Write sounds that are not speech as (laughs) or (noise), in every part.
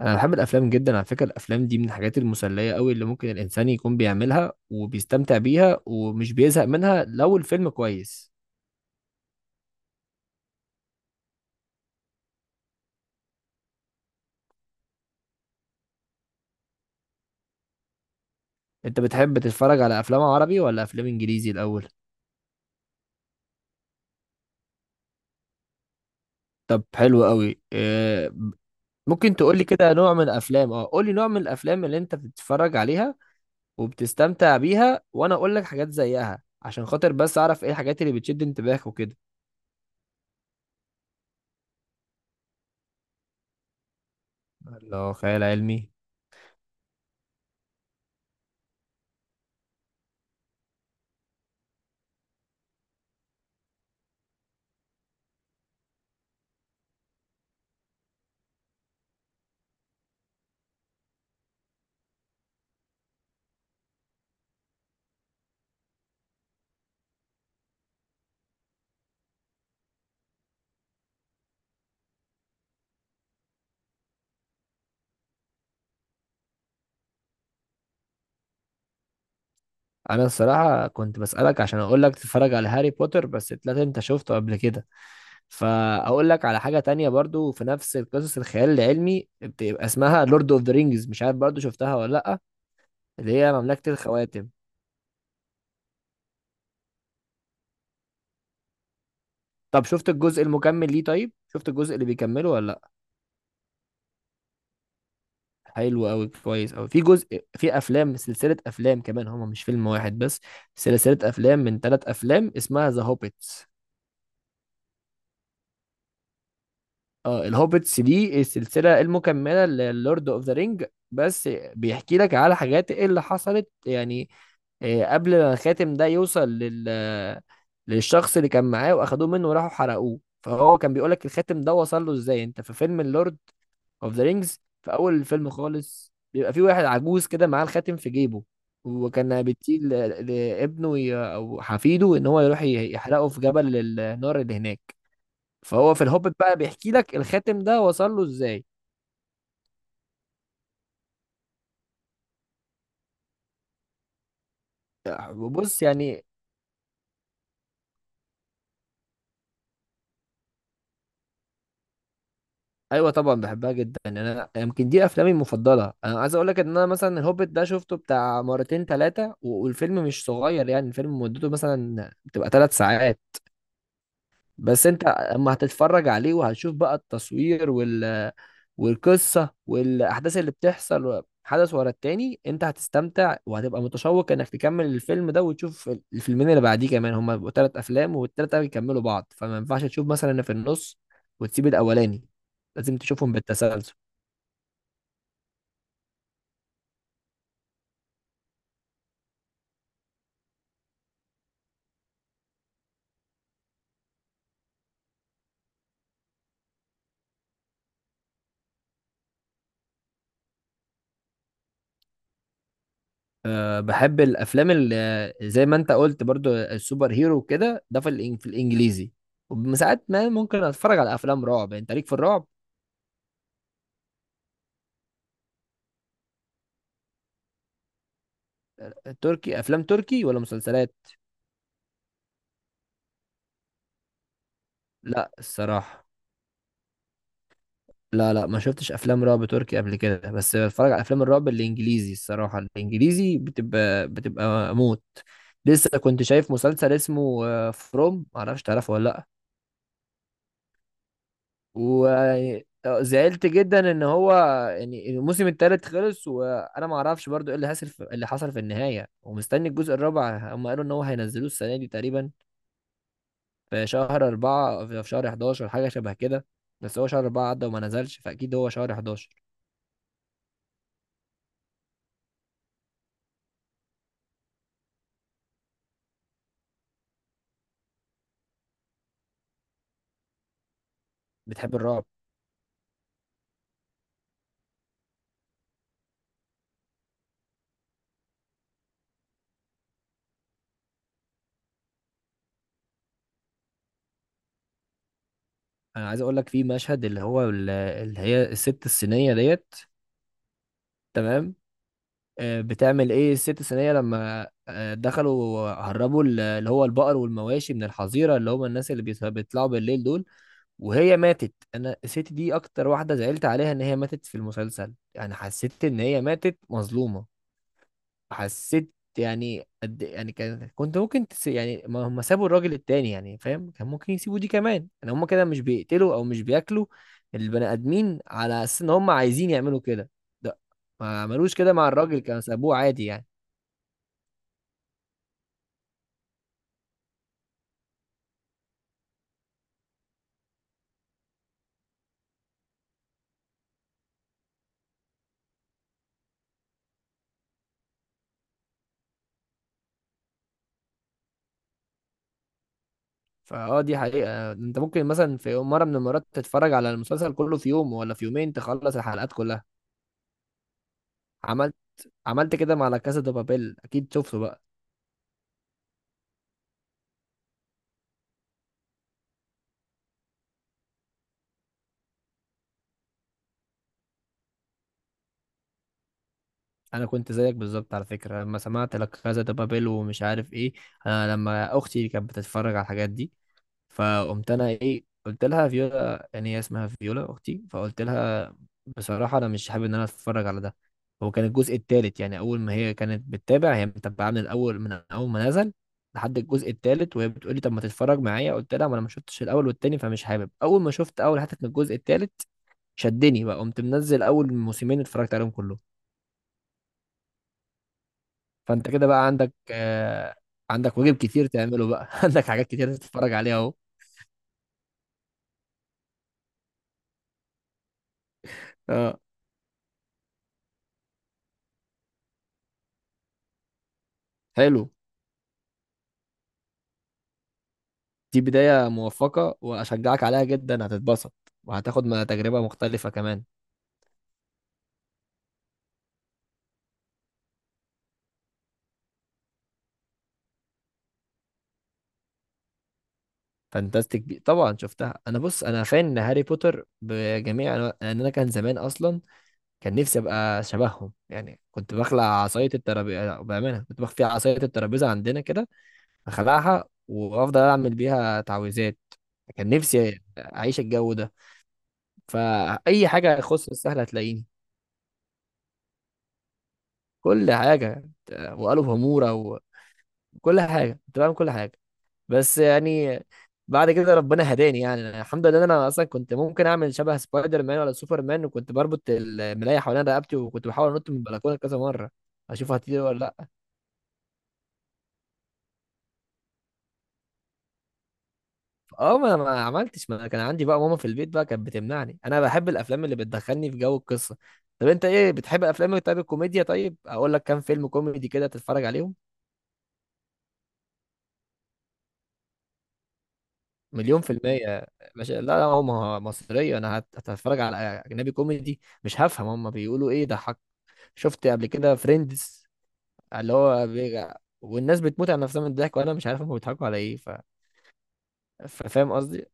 انا بحب الافلام جدا على فكره. الافلام دي من الحاجات المسليه قوي اللي ممكن الانسان يكون بيعملها وبيستمتع بيها ومش بيزهق منها لو الفيلم كويس. انت بتحب تتفرج على افلام عربي ولا افلام انجليزي الاول؟ طب حلو قوي. إيه ممكن تقول لي كده نوع من الافلام، قول لي نوع من الافلام اللي انت بتتفرج عليها وبتستمتع بيها، وانا اقول لك حاجات زيها، عشان خاطر بس اعرف ايه الحاجات اللي بتشد انتباهك وكده. لو خيال علمي. انا الصراحه كنت بسالك عشان اقول لك تتفرج على هاري بوتر، بس طلعت انت شفته قبل كده، فاقول لك على حاجه تانية برضو في نفس القصص الخيال العلمي، بتبقى اسمها لورد اوف ذا رينجز، مش عارف برضو شفتها ولا لا، اللي هي مملكه الخواتم. طب شفت الجزء المكمل ليه؟ طيب شفت الجزء اللي بيكمله ولا لا؟ حلو قوي، كويس قوي. في جزء، في افلام، سلسله افلام كمان، هما مش فيلم واحد بس، سلسله افلام من ثلاث افلام اسمها ذا هوبيت. اه، الهوبتس دي السلسلة المكملة للورد اوف ذا رينج، بس بيحكي لك على حاجات إيه اللي حصلت يعني قبل ما الخاتم ده يوصل لل للشخص اللي كان معاه، واخدوه منه وراحوا حرقوه. فهو كان بيقول لك الخاتم ده وصل له ازاي. انت في فيلم اللورد اوف ذا رينجز في اول الفيلم خالص، بيبقى في واحد عجوز كده معاه الخاتم في جيبه، وكان بيطيل لابنه او حفيده ان هو يروح يحرقه في جبل النار اللي هناك. فهو في الهوبت بقى بيحكي لك الخاتم ده وصل له ازاي. بص يعني، ايوه طبعا بحبها جدا يعني، انا يمكن دي افلامي المفضله. انا عايز اقول لك ان انا مثلا الهوبت ده شفته بتاع مرتين ثلاثه، والفيلم مش صغير يعني، الفيلم مدته مثلا بتبقى ثلاث ساعات. بس انت اما هتتفرج عليه وهتشوف بقى التصوير والقصة والأحداث اللي بتحصل حدث ورا التاني، انت هتستمتع وهتبقى متشوق انك تكمل الفيلم ده، وتشوف الفيلمين اللي بعديه كمان. هما بيبقوا تلات أفلام، والتلاتة بيكملوا بعض، فما ينفعش تشوف مثلا اللي في النص وتسيب الأولاني، لازم تشوفهم بالتسلسل. أه بحب الأفلام اللي زي ما انت قلت برضو، السوبر هيرو كده، ده في في الإنجليزي. وساعات ما ممكن أتفرج على أفلام رعب. يعني انت ليك في الرعب؟ تركي، افلام تركي ولا مسلسلات؟ لا الصراحه، لا، ما شفتش افلام رعب تركي قبل كده، بس بتفرج على افلام الرعب الانجليزي الصراحه. الانجليزي بتبقى موت. لسه كنت شايف مسلسل اسمه فروم، معرفش تعرفه ولا لا. وزعلت جدا ان هو يعني الموسم الثالث خلص، وانا ما اعرفش برضو ايه اللي حصل في اللي حصل في النهايه، ومستني الجزء الرابع. هم قالوا ان هو هينزلوه السنه دي تقريبا في شهر أربعة، في شهر 11، حاجة شبه كده. بس هو شهر أربعة عدى وما نزلش، فأكيد هو شهر 11. بتحب الرعب؟ أنا عايز أقول لك في مشهد اللي هو اللي هي الست الصينية ديت. تمام، بتعمل إيه الست الصينية لما دخلوا هربوا اللي هو البقر والمواشي من الحظيرة، اللي هم الناس اللي بيطلعوا بالليل دول، وهي ماتت. أنا الست دي أكتر واحدة زعلت عليها إن هي ماتت في المسلسل، يعني حسيت إن هي ماتت مظلومة. حسيت يعني قد إيه، يعني كان كنت ممكن تس... يعني ما هم سابوا الراجل التاني يعني، فاهم؟ كان ممكن يسيبوا دي كمان. يعني هم كده مش بيقتلوا او مش بياكلوا البني ادمين على اساس ان هم عايزين يعملوا كده، ده ما عملوش كده مع الراجل، كانوا سابوه عادي يعني. فاه، دي حقيقة. انت ممكن مثلا في يوم مرة من المرات تتفرج على المسلسل كله في يوم ولا في يومين، تخلص الحلقات كلها. عملت عملت كده مع لا كاسا دي بابيل، اكيد شفته بقى. انا كنت زيك بالظبط على فكره لما سمعت لا كازا دي بابيل ومش عارف ايه. انا لما اختي كانت بتتفرج على الحاجات دي، فقمت انا ايه قلت لها، فيولا يعني هي اسمها فيولا اختي، فقلت لها بصراحه انا مش حابب ان انا اتفرج على ده. هو كان الجزء الثالث يعني، اول ما هي كانت بتتابع، هي متابعه من الاول، من اول ما نزل لحد الجزء الثالث، وهي بتقول لي طب ما تتفرج معايا. قلت لها ما انا ما شفتش الاول والتاني، فمش حابب. اول ما شفت اول حتت من الجزء الثالث شدني بقى، قمت منزل اول موسمين اتفرجت عليهم كلهم. فانت كده بقى عندك آه، عندك واجب كتير تعمله بقى (laughs) عندك حاجات كتير تتفرج عليها اهو. اه حلو، دي بداية موفقة واشجعك عليها جدا، هتتبسط وهتاخد ما تجربة مختلفة كمان. فانتاستيك بي طبعا شفتها. انا بص، انا فان هاري بوتر بجميع أنواع- لان انا كان زمان اصلا كان نفسي ابقى شبههم. يعني كنت بخلع عصاية الترابيزة بأمانة، كنت بخفي عصاية الترابيزة عندنا كده، اخلعها وافضل اعمل بيها تعويذات. كان نفسي اعيش الجو ده. فأي حاجة تخص السهل هتلاقيني. كل حاجة، وقالوا همورة وكل حاجة، كنت بعمل كل حاجة. بس يعني بعد كده ربنا هداني. يعني أنا الحمد لله إن أنا أصلا كنت ممكن أعمل شبه سبايدر مان ولا سوبر مان، وكنت بربط الملاية حوالين رقبتي وكنت بحاول أنط من البلكونة كذا مرة أشوف هتطير ولا لأ. أه، ما أنا ما عملتش، ما أنا كان عندي بقى ماما في البيت بقى كانت بتمنعني. أنا بحب الأفلام اللي بتدخلني في جو القصة. طب أنت إيه بتحب أفلام؟ طيب الكوميديا، طيب أقول لك كام فيلم كوميدي كده تتفرج عليهم. مليون في المية. مش، لا هو ما هو مصرية. أنا هتفرج على أجنبي كوميدي، مش هفهم هما بيقولوا إيه ده، حق. شفت قبل كده فريندز، اللي هو بيجع والناس بتموت على نفسها من الضحك، وأنا مش عارف هما بيضحكوا على إيه ف... فاهم قصدي؟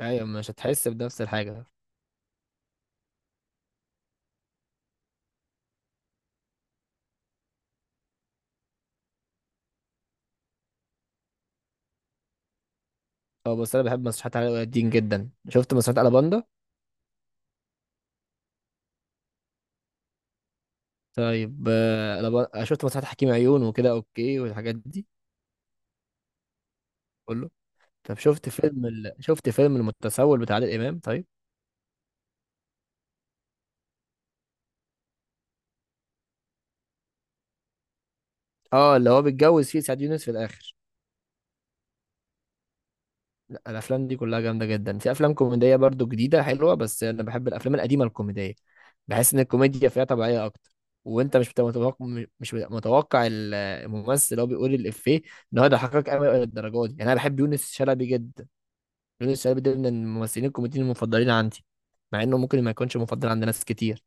أيوة، مش هتحس بنفس الحاجة. أه بس أنا بحب مسرحيات علاء ولي الدين جدا. شفت مسرحيات ألاباندا؟ طيب ألابا... شفت مسرحيات حكيم عيون وكده، أوكي، والحاجات دي؟ كله. طب شفت فيلم ال... شفت فيلم المتسول بتاع عادل إمام طيب؟ اه اللي هو بيتجوز فيه سعد يونس في الآخر. لا الافلام دي كلها جامده جدا. في افلام كوميديه برضو جديده حلوه، بس انا بحب الافلام القديمه الكوميديه. بحس ان الكوميديا فيها طبيعيه اكتر، وانت مش بتبقى متوقع. مش بتبقى متوقع الممثل اللي هو بيقول الافيه ان هو يضحكك قوي للدرجه دي. يعني انا بحب يونس شلبي جدا. يونس شلبي ده من الممثلين الكوميديين المفضلين عندي، مع انه ممكن ما يكونش مفضل عند ناس كتير.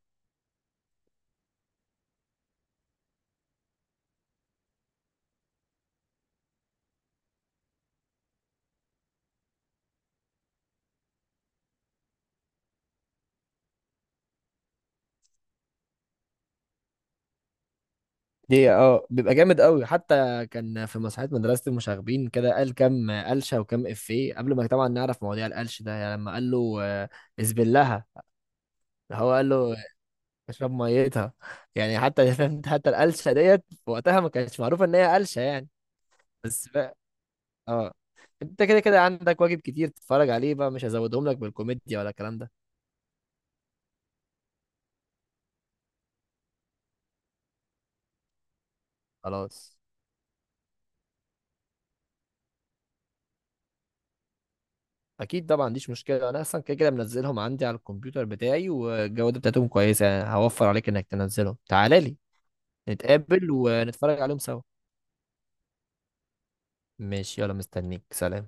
دي اه بيبقى جامد قوي. حتى كان في مسرحيه مدرسه المشاغبين كده قال كام قلشه وكام افيه قبل ما طبعا نعرف مواضيع القلش ده. يعني لما قال له اذبلها. هو قال له اشرب ميتها. يعني حتى (laughs) حتى القلشه ديت في وقتها ما كانتش معروفه ان هي قلشه يعني. بس بقى اه، انت كده كده عندك واجب كتير تتفرج عليه بقى، مش هزودهم لك بالكوميديا ولا الكلام ده. خلاص اكيد طبعا، مفيش مشكله. انا اصلا كده كده منزلهم عندي على الكمبيوتر بتاعي، والجوده بتاعتهم كويسه يعني، هوفر عليك انك تنزلهم. تعالى لي، نتقابل ونتفرج عليهم سوا. ماشي، يلا مستنيك، سلام.